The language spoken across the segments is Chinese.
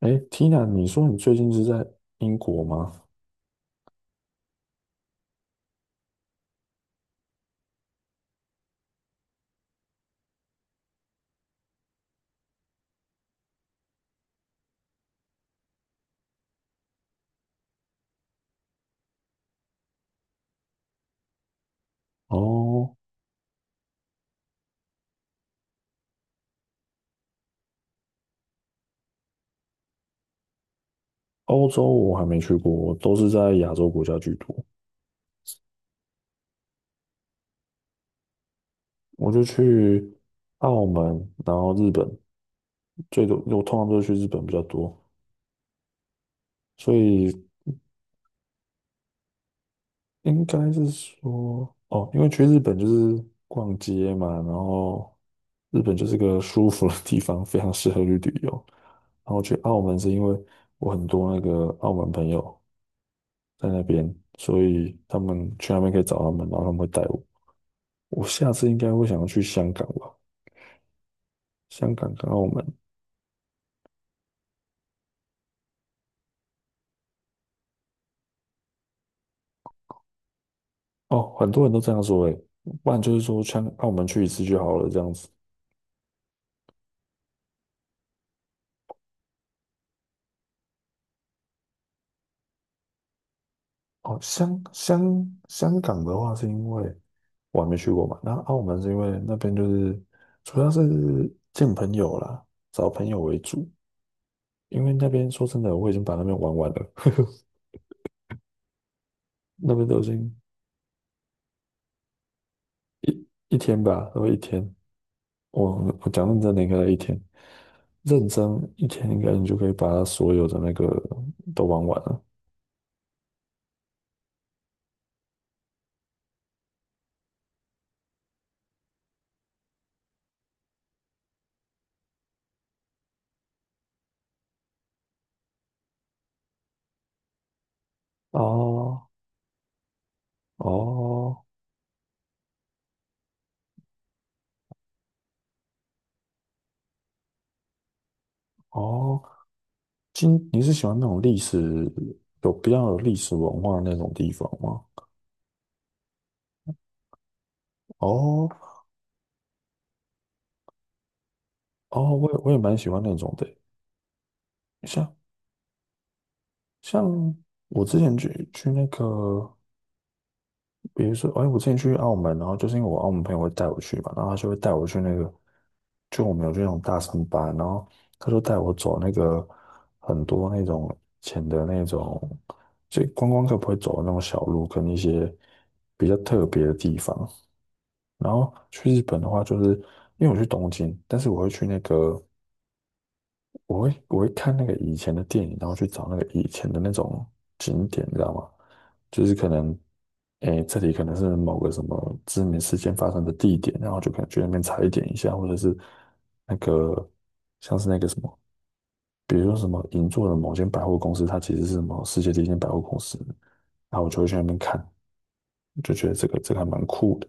哎，Tina，你说你最近是在英国吗？哦，欧洲我还没去过，我都是在亚洲国家居多。我就去澳门，然后日本，最多我通常都是去日本比较多，所以应该是说，哦，因为去日本就是逛街嘛，然后日本就是个舒服的地方，非常适合去旅游。然后去澳门是因为我很多那个澳门朋友，在那边，所以他们去那边可以找他们，然后他们会带我。我下次应该会想要去香港吧，香港跟澳门。哦，很多人都这样说诶，不然就是说香澳门去一次就好了这样子。哦，香港的话是因为我还没去过嘛，那澳门是因为那边就是主要是见朋友啦，找朋友为主，因为那边说真的我已经把那边玩完了，那边都已经一天吧，都一天，我我讲认真的应该一天。认真一天，应该你就可以把它所有的那个都玩完了。哦哦哦，今你是喜欢那种历史有比较有历史文化的那种地方吗？哦哦，我也蛮喜欢那种的欸，像像我之前去那个比如说，哎，我之前去澳门，然后就是因为我澳门朋友会带我去嘛，然后他就会带我去那个，就我们有去那种大三巴，然后他就带我走那个很多那种以的那种，就观光客不会走的那种小路跟一些比较特别的地方。然后去日本的话，就是因为我去东京，但是我会去那个我会看那个以前的电影，然后去找那个以前的那种景点，你知道吗？就是可能，诶，这里可能是某个什么知名事件发生的地点，然后就可能去那边踩点一下，或者是那个像是那个什么，比如说什么银座的某间百货公司，它其实是什么世界第一间百货公司，然后我就会去那边看，就觉得这个还蛮酷的。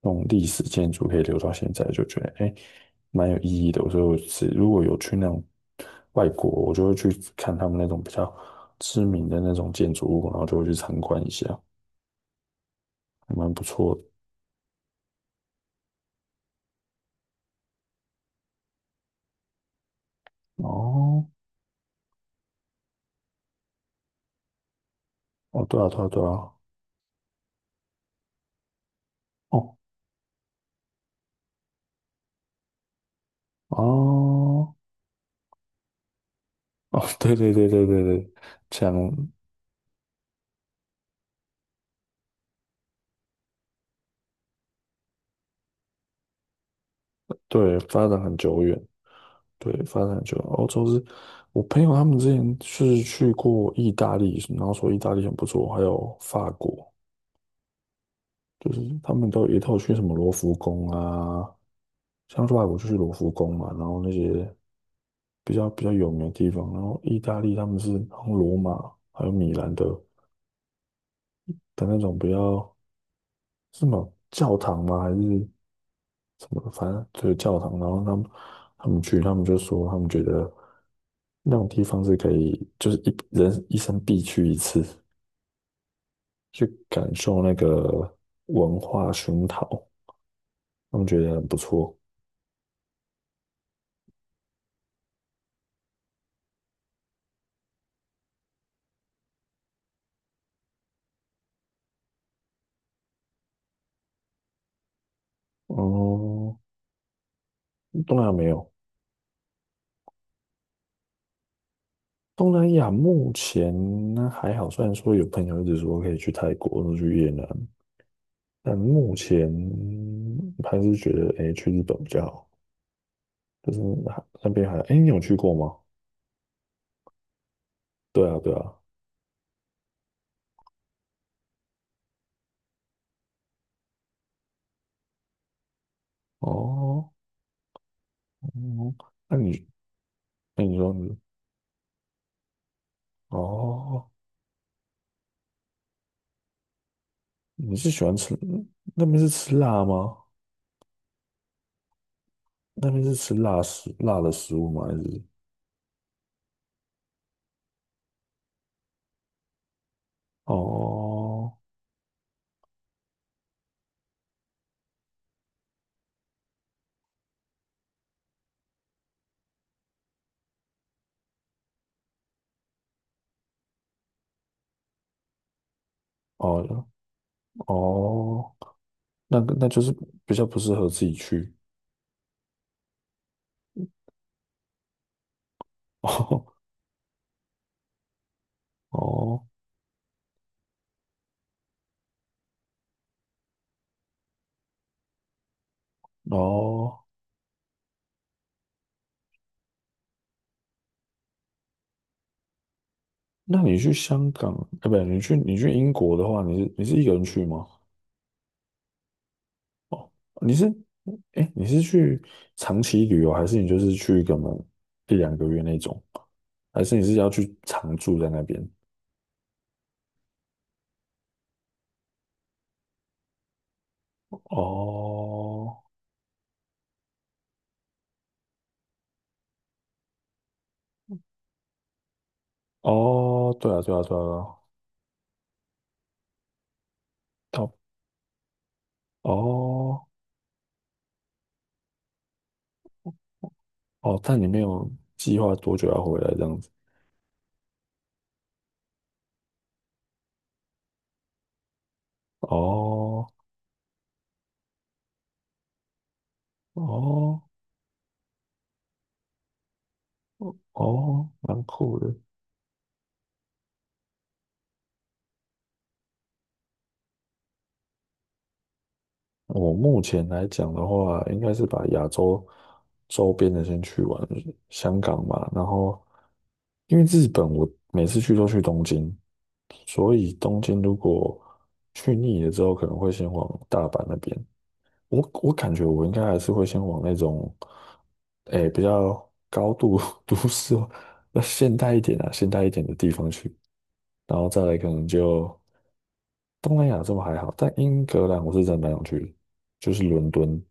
那种历史建筑可以留到现在，就觉得哎，诶蛮有意义的。所以我是如果有去那种外国，我就会去看他们那种比较知名的那种建筑物，然后就会去参观一下，还蛮不错的。哦，哦，对啊，对啊，对啊，哦，哦，哦，对对对对对对，讲对发展很久远，对发展很久远。欧洲是我朋友他们之前是去过意大利，然后说意大利很不错，还有法国。就是他们都有一套去什么罗浮宫啊，像外国就是罗浮宫嘛，然后那些比较有名的地方，然后意大利他们是好像罗马还有米兰的的那种比较是什么教堂吗？还是什么？反正就是教堂。然后他们去，他们就说他们觉得那种地方是可以，就是一人一生必去一次，去感受那个文化熏陶，他们觉得很不错。哦、东南亚没有。东南亚目前还好，虽然说有朋友一直说可以去泰国或者去越南，但目前还是觉得哎诶、去日本比较好，就是还那边还哎诶、你有去过吗？对啊，对啊，哦，嗯，那你那你说你哦，你是喜欢吃那边是吃辣吗？那边是吃辣食辣的食物吗？还是哦哦哦，那个那就是比较不适合自己去 哦哦。哦，那你去香港，哎，不对，你去英国的话，你是一个人去吗？哦，你是，哎，你是去长期旅游，还是你就是去个门一两个月那种？还是你是要去常住在那边？哦，哦，对啊，对啊，对啊，对啊到哦哦，但你没有计划多久要回来这样子？哦哦哦，蛮酷的。我目前来讲的话，应该是把亚洲周边的先去完，香港嘛，然后因为日本我每次去都去东京，所以东京如果去腻了之后，可能会先往大阪那边。我感觉我应该还是会先往那种，诶、比较高度 都市化，那现代一点啊，现代一点的地方去，然后再来可能就东南亚这么还好，但英格兰我是真的蛮想去的就是伦敦，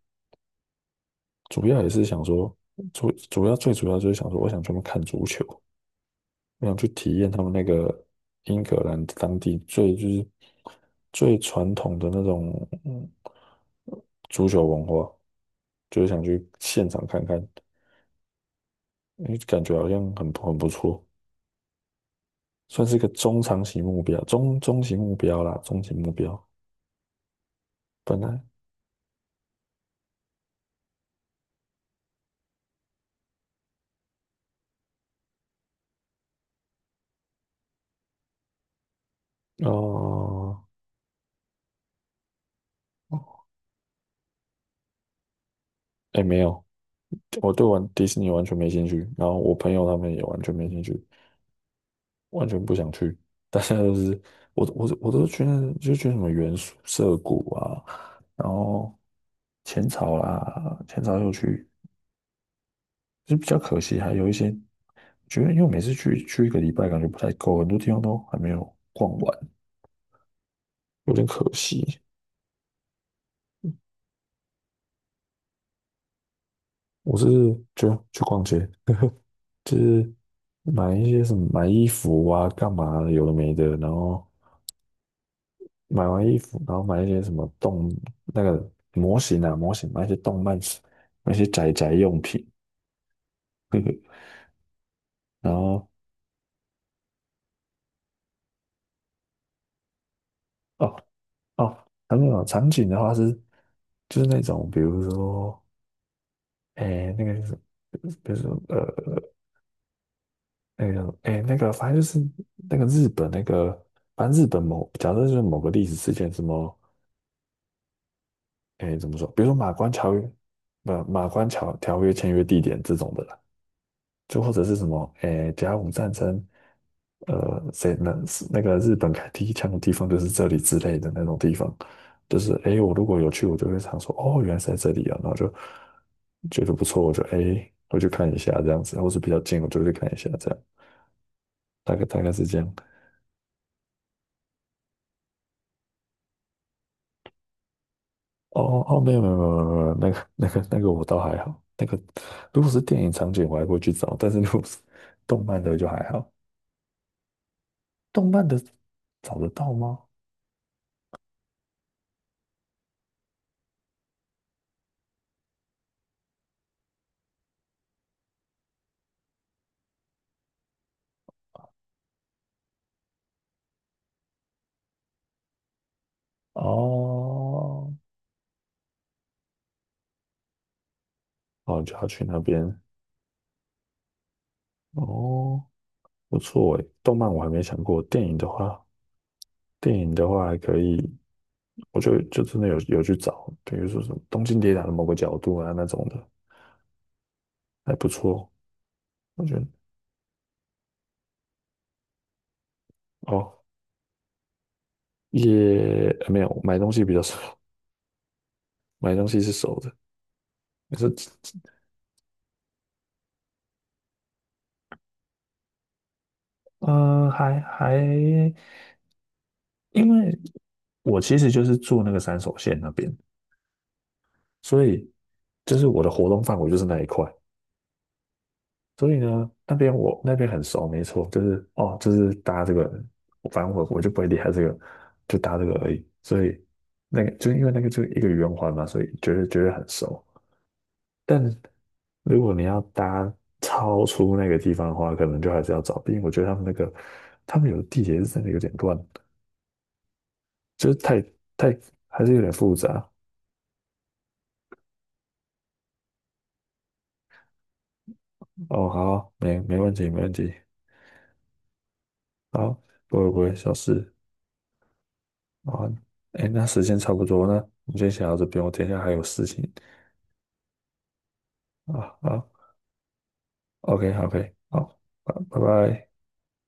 主要也是想说，主主要最主要就是想说，我想专门看足球，我想去体验他们那个英格兰当地最就是最传统的那种嗯足球文化，就是想去现场看看，因为感觉好像很不错，算是一个中长期目标，中期目标啦，中期目标。本来哦，哎、没有，我对玩迪士尼完全没兴趣，然后我朋友他们也完全没兴趣，完全不想去。大家都是，我都觉得就觉得什么元素涩谷啊，然后浅草啦，浅草又去，就比较可惜，还有一些，觉得因为我每次去一个礼拜，感觉不太够，很多地方都还没有逛完，有点可惜。我是就去逛街，就是买一些什么买衣服啊，干嘛的有的没的，然后买完衣服，然后买一些什么动那个模型啊，模型买一些动漫，买一些宅宅用品，呵呵然后哦哦，还没有场景的话是就是那种，比如说诶那个就是什么比如说那个诶那个反正就是那个日本那个，反正日本某假设就是某个历史事件什么诶怎么说，比如说马关条约，不马关条约签约地点这种的啦。就或者是什么，诶，甲午战争，谁能那个日本开第一枪的地方就是这里之类的那种地方，就是诶，我如果有去，我就会常说，哦，原来是在这里啊，然后就觉得不错，我就诶，我去看一下这样子，或是比较近，我就去看一下这样，大概是这样。哦哦，哦没有没有没有没有，没有那个我倒还好，那个如果是电影场景我还会去找，但是如果是动漫的就还好，动漫的找得到吗？哦哦，就要去那边哦。不错诶，动漫我还没想过，电影的话，电影的话还可以，我就真的有去找，比如说什么《东京铁塔》的某个角度啊那种的，还不错，我觉得哦，也没有买东西比较少，买东西是熟的，你是，嗯，还还，因为我其实就是住那个山手线那边，所以就是我的活动范围就是那一块，所以呢，那边我那边很熟，没错，就是哦，就是搭这个，反正我就不会厉害这个，就搭这个而已。所以那个就因为那个就一个圆环嘛，所以觉得很熟。但如果你要搭超出那个地方的话，可能就还是要找，毕竟我觉得他们那个他们有的地铁是真的有点乱，就是太还是有点复杂。哦，好，没问题，没问题，好，不会，小事。啊，哎，那时间差不多呢，那我们先想到这边，我等一下还有事情啊。好，OK，好，OK，好，拜拜。